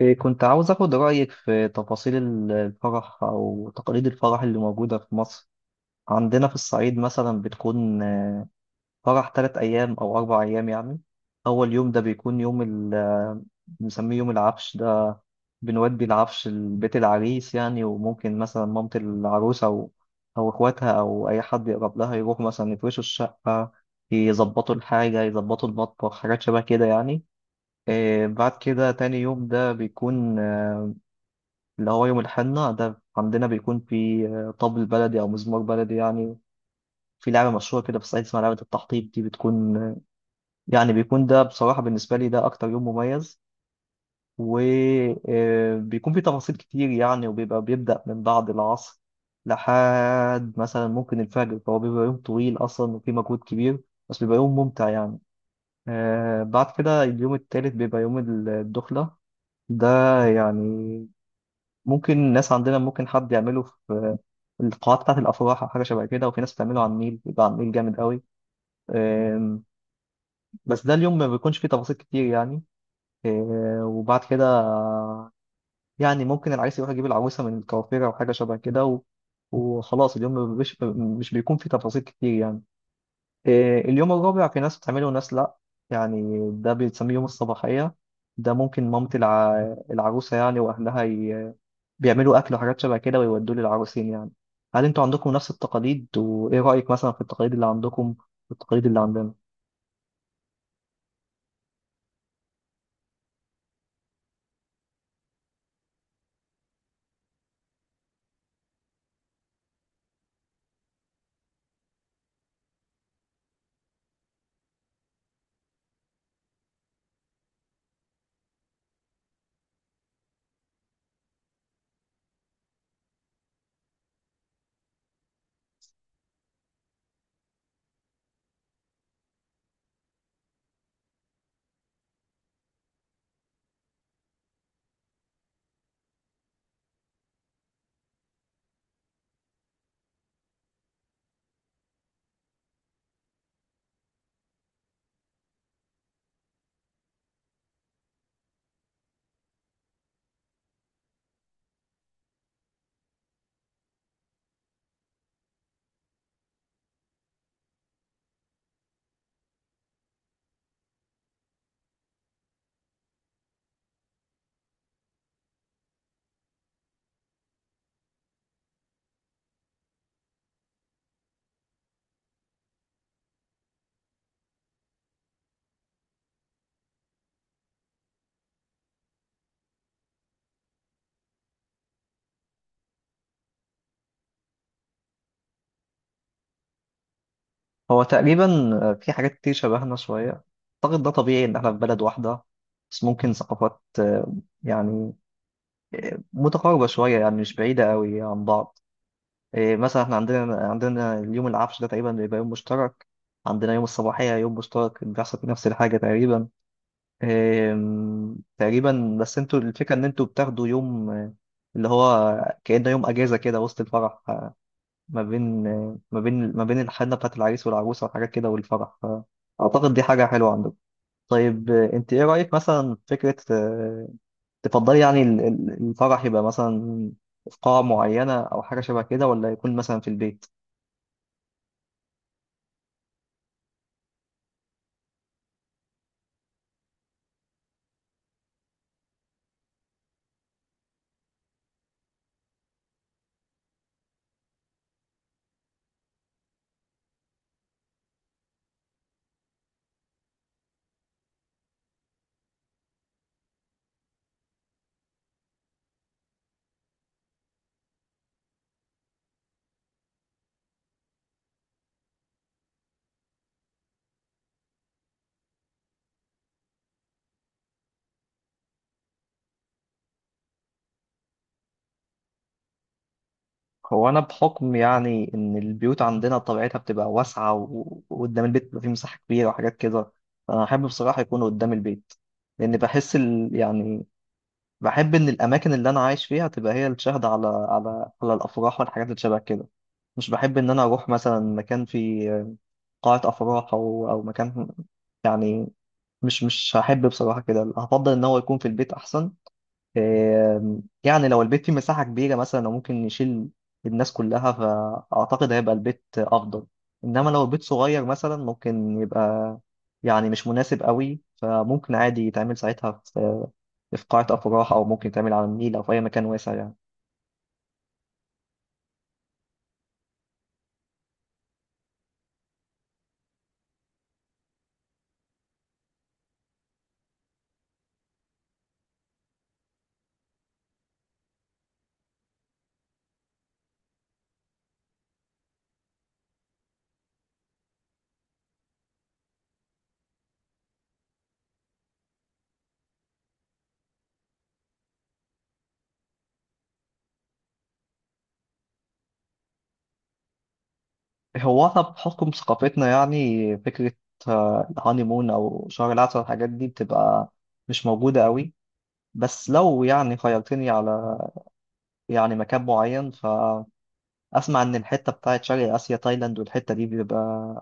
كنت عاوز أخد رأيك في تفاصيل الفرح أو تقاليد الفرح اللي موجودة في مصر. عندنا في الصعيد مثلا بتكون فرح تلات أيام أو أربع أيام يعني. أول يوم ده بيكون يوم ال آه، بنسميه يوم العفش ده، بنودي العفش لبيت العريس يعني، وممكن مثلا مامة العروس أو إخواتها أو أي حد يقرب لها يروح مثلا يفرشوا الشقة، يظبطوا الحاجة، يظبطوا المطبخ، حاجات شبه كده يعني. إيه بعد كده تاني يوم ده بيكون اللي هو يوم الحنة، ده عندنا بيكون في طبل بلدي أو مزمار بلدي يعني. في لعبة مشهورة كده في الصعيد اسمها لعبة التحطيب، دي بتكون يعني بيكون ده بصراحة بالنسبة لي ده أكتر يوم مميز، وبيكون في تفاصيل كتير يعني، وبيبقى بيبدأ من بعد العصر لحد مثلا ممكن الفجر، فهو بيبقى يوم طويل أصلا وفي مجهود كبير بس بيبقى يوم ممتع يعني. بعد كده اليوم التالت بيبقى يوم الدخلة، ده يعني ممكن الناس عندنا ممكن حد يعمله في القاعات بتاعت الافراح او حاجه شبه كده، وفي ناس بتعمله على النيل، بيبقى على النيل جامد قوي. أم، بس ده اليوم ما بيكونش فيه تفاصيل كتير يعني. وبعد كده يعني ممكن العريس يروح يجيب العروسه من الكوافيره او حاجه شبه كده وخلاص اليوم ما بيبقاش- مش بيكون فيه تفاصيل كتير يعني. اليوم الرابع في ناس بتعمله وناس لا، يعني ده بيتسميه يوم الصباحيه، ده ممكن العروسة يعني وأهلها بيعملوا أكل وحاجات شبه كده ويودوه للعروسين يعني. هل أنتوا عندكم نفس التقاليد، وإيه رأيك مثلا في التقاليد اللي عندكم والتقاليد اللي عندنا؟ هو تقريبا في حاجات كتير شبهنا شوية، أعتقد ده طبيعي إن إحنا في بلد واحدة، بس ممكن ثقافات يعني متقاربة شوية يعني مش بعيدة قوي عن بعض. مثلا إحنا عندنا اليوم العفش ده تقريبا بيبقى يوم مشترك، عندنا يوم الصباحية يوم مشترك بيحصل فيه نفس الحاجة تقريبا. تقريبا بس انتوا الفكرة ان انتوا بتاخدوا يوم اللي هو كأنه يوم اجازة كده وسط الفرح، ما بين الحنة بتاعت العريس والعروسة وحاجات كده والفرح، اعتقد دي حاجة حلوة عندكم. طيب انت ايه رأيك مثلا في فكرة تفضلي يعني الفرح يبقى مثلا في قاعة معينة او حاجة شبه كده، ولا يكون مثلا في البيت؟ هو أنا بحكم يعني إن البيوت عندنا طبيعتها بتبقى واسعة وقدام البيت بيبقى فيه مساحة كبيرة وحاجات كده، فأنا أحب بصراحة يكون قدام البيت، لأن بحس يعني بحب إن الأماكن اللي أنا عايش فيها تبقى هي الشاهدة على على الأفراح والحاجات اللي شبه كده. مش بحب إن أنا أروح مثلا مكان فيه قاعة أفراح أو مكان يعني، مش هحب بصراحة كده، هفضل إن هو يكون في البيت أحسن. يعني لو البيت فيه مساحة كبيرة مثلا أو ممكن يشيل الناس كلها فأعتقد هيبقى البيت أفضل، إنما لو البيت صغير مثلا ممكن يبقى يعني مش مناسب قوي، فممكن عادي يتعمل ساعتها في في قاعة أفراح أو ممكن يتعمل على النيل أو في أي مكان واسع يعني. هو إحنا بحكم ثقافتنا يعني فكرة الهانيمون أو شهر العسل والحاجات دي بتبقى مش موجودة قوي. بس لو يعني خيرتني على يعني مكان معين، ف اسمع ان الحته بتاعت شرق اسيا تايلاند والحته دي بيبقى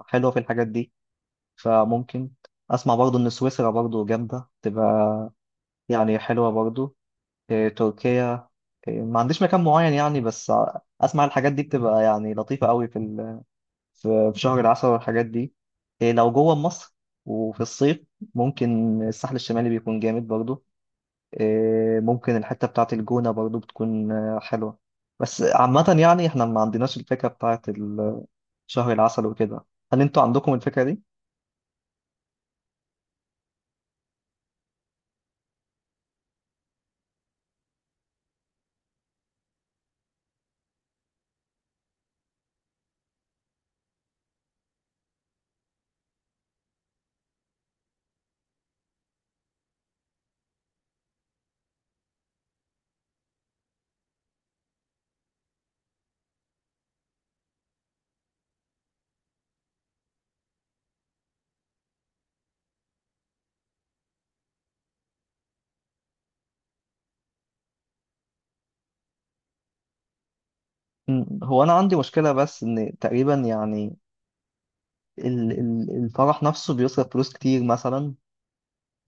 حلوه في الحاجات دي، فممكن اسمع برضو ان سويسرا برضو جامده تبقى يعني حلوه برضو. تركيا. ما عنديش مكان معين يعني، بس اسمع الحاجات دي بتبقى يعني لطيفه قوي في في شهر العسل والحاجات دي. لو جوه مصر وفي الصيف ممكن الساحل الشمالي بيكون جامد برضو. ممكن الحته بتاعت الجونه برضو بتكون حلوه. بس عامة يعني احنا ما عندناش الفكرة بتاعت شهر العسل وكده. هل انتوا عندكم الفكرة دي؟ مم. هو انا عندي مشكلة بس ان تقريبا يعني الفرح نفسه بيصرف فلوس كتير مثلا،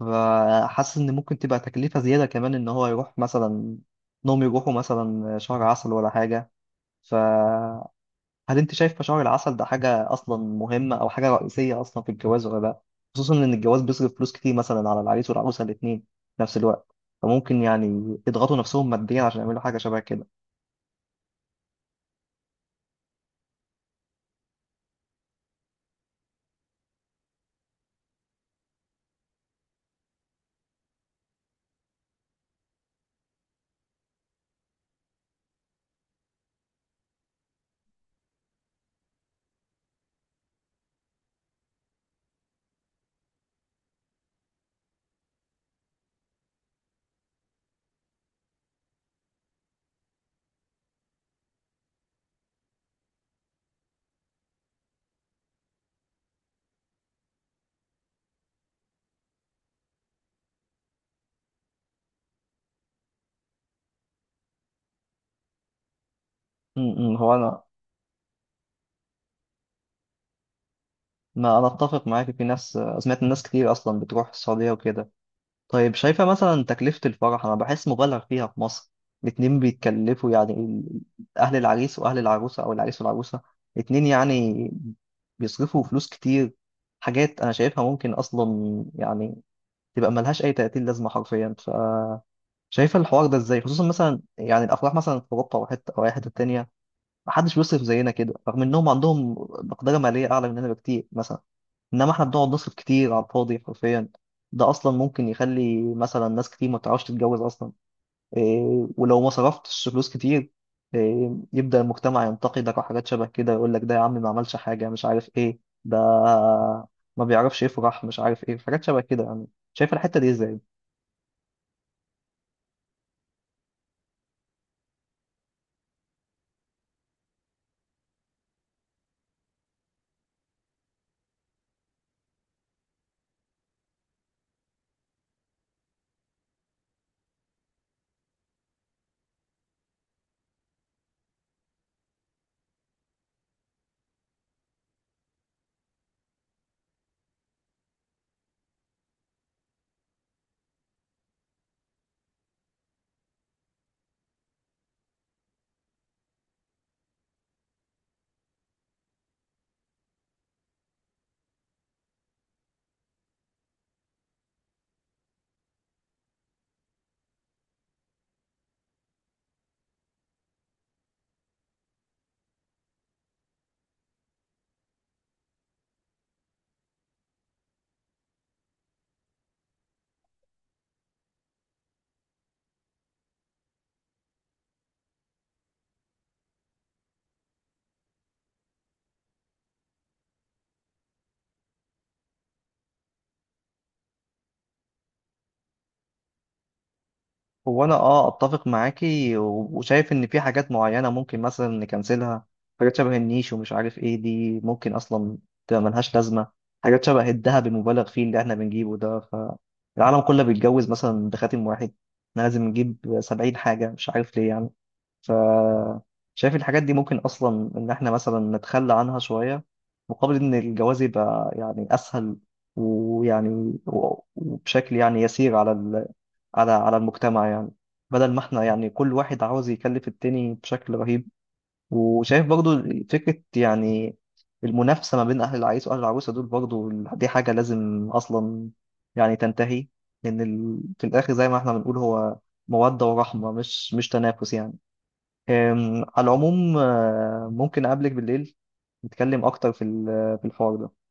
فحاسس ان ممكن تبقى تكلفة زيادة كمان ان هو يروح مثلا انهم يروحوا مثلا شهر عسل ولا حاجة. فهل انت شايف شهر العسل ده حاجة اصلا مهمة او حاجة رئيسية اصلا في الجواز ولا لا؟ خصوصا ان الجواز بيصرف فلوس كتير مثلا على العريس والعروسة الاتنين في نفس الوقت، فممكن يعني يضغطوا نفسهم ماديا عشان يعملوا حاجة شبه كده. م- م. هو انا ما انا اتفق معاك في ناس، سمعت الناس كتير اصلا بتروح السعوديه وكده. طيب شايفه مثلا تكلفه الفرح انا بحس مبالغ فيها في مصر، الاتنين بيتكلفوا يعني اهل العريس واهل العروسه او العريس والعروسه الاتنين يعني بيصرفوا فلوس كتير، حاجات انا شايفها ممكن اصلا يعني تبقى ملهاش اي تأتين لازمه حرفيا. فشايفه الحوار ده ازاي، خصوصا مثلا يعني الافراح مثلا في اوروبا او حته او اي حته تانيه محدش بيصرف زينا كده، رغم انهم عندهم مقدره ماليه اعلى مننا بكتير مثلا، انما احنا بنقعد نصرف كتير على الفاضي حرفيا. ده اصلا ممكن يخلي مثلا ناس كتير ما بتعرفش تتجوز اصلا. إيه ولو ما صرفتش فلوس كتير، إيه يبدأ المجتمع ينتقدك وحاجات شبه كده، يقول لك ده يا عم ما عملش حاجة، مش عارف ايه، ده ما بيعرفش يفرح، مش عارف ايه، حاجات شبه كده يعني. شايف الحتة دي ازاي؟ هو انا اه اتفق معاكي وشايف ان في حاجات معينه ممكن مثلا نكنسلها، حاجات شبه النيش ومش عارف ايه، دي ممكن اصلا تبقى ملهاش لازمه. حاجات شبه الذهب المبالغ فيه اللي احنا بنجيبه ده، فالعالم كله بيتجوز مثلا بخاتم واحد، احنا لازم نجيب سبعين حاجه مش عارف ليه يعني. ف شايف الحاجات دي ممكن اصلا ان احنا مثلا نتخلى عنها شويه مقابل ان الجواز يبقى يعني اسهل، ويعني وبشكل يعني يسير على على المجتمع يعني، بدل ما احنا يعني كل واحد عاوز يكلف التاني بشكل رهيب. وشايف برضو فكرة يعني المنافسة ما بين أهل العريس وأهل العروسة دول برضو، دي حاجة لازم أصلا يعني تنتهي، لأن في الآخر زي ما احنا بنقول هو مودة ورحمة، مش تنافس يعني. على العموم ممكن أقابلك بالليل نتكلم أكتر في في الحوار ده.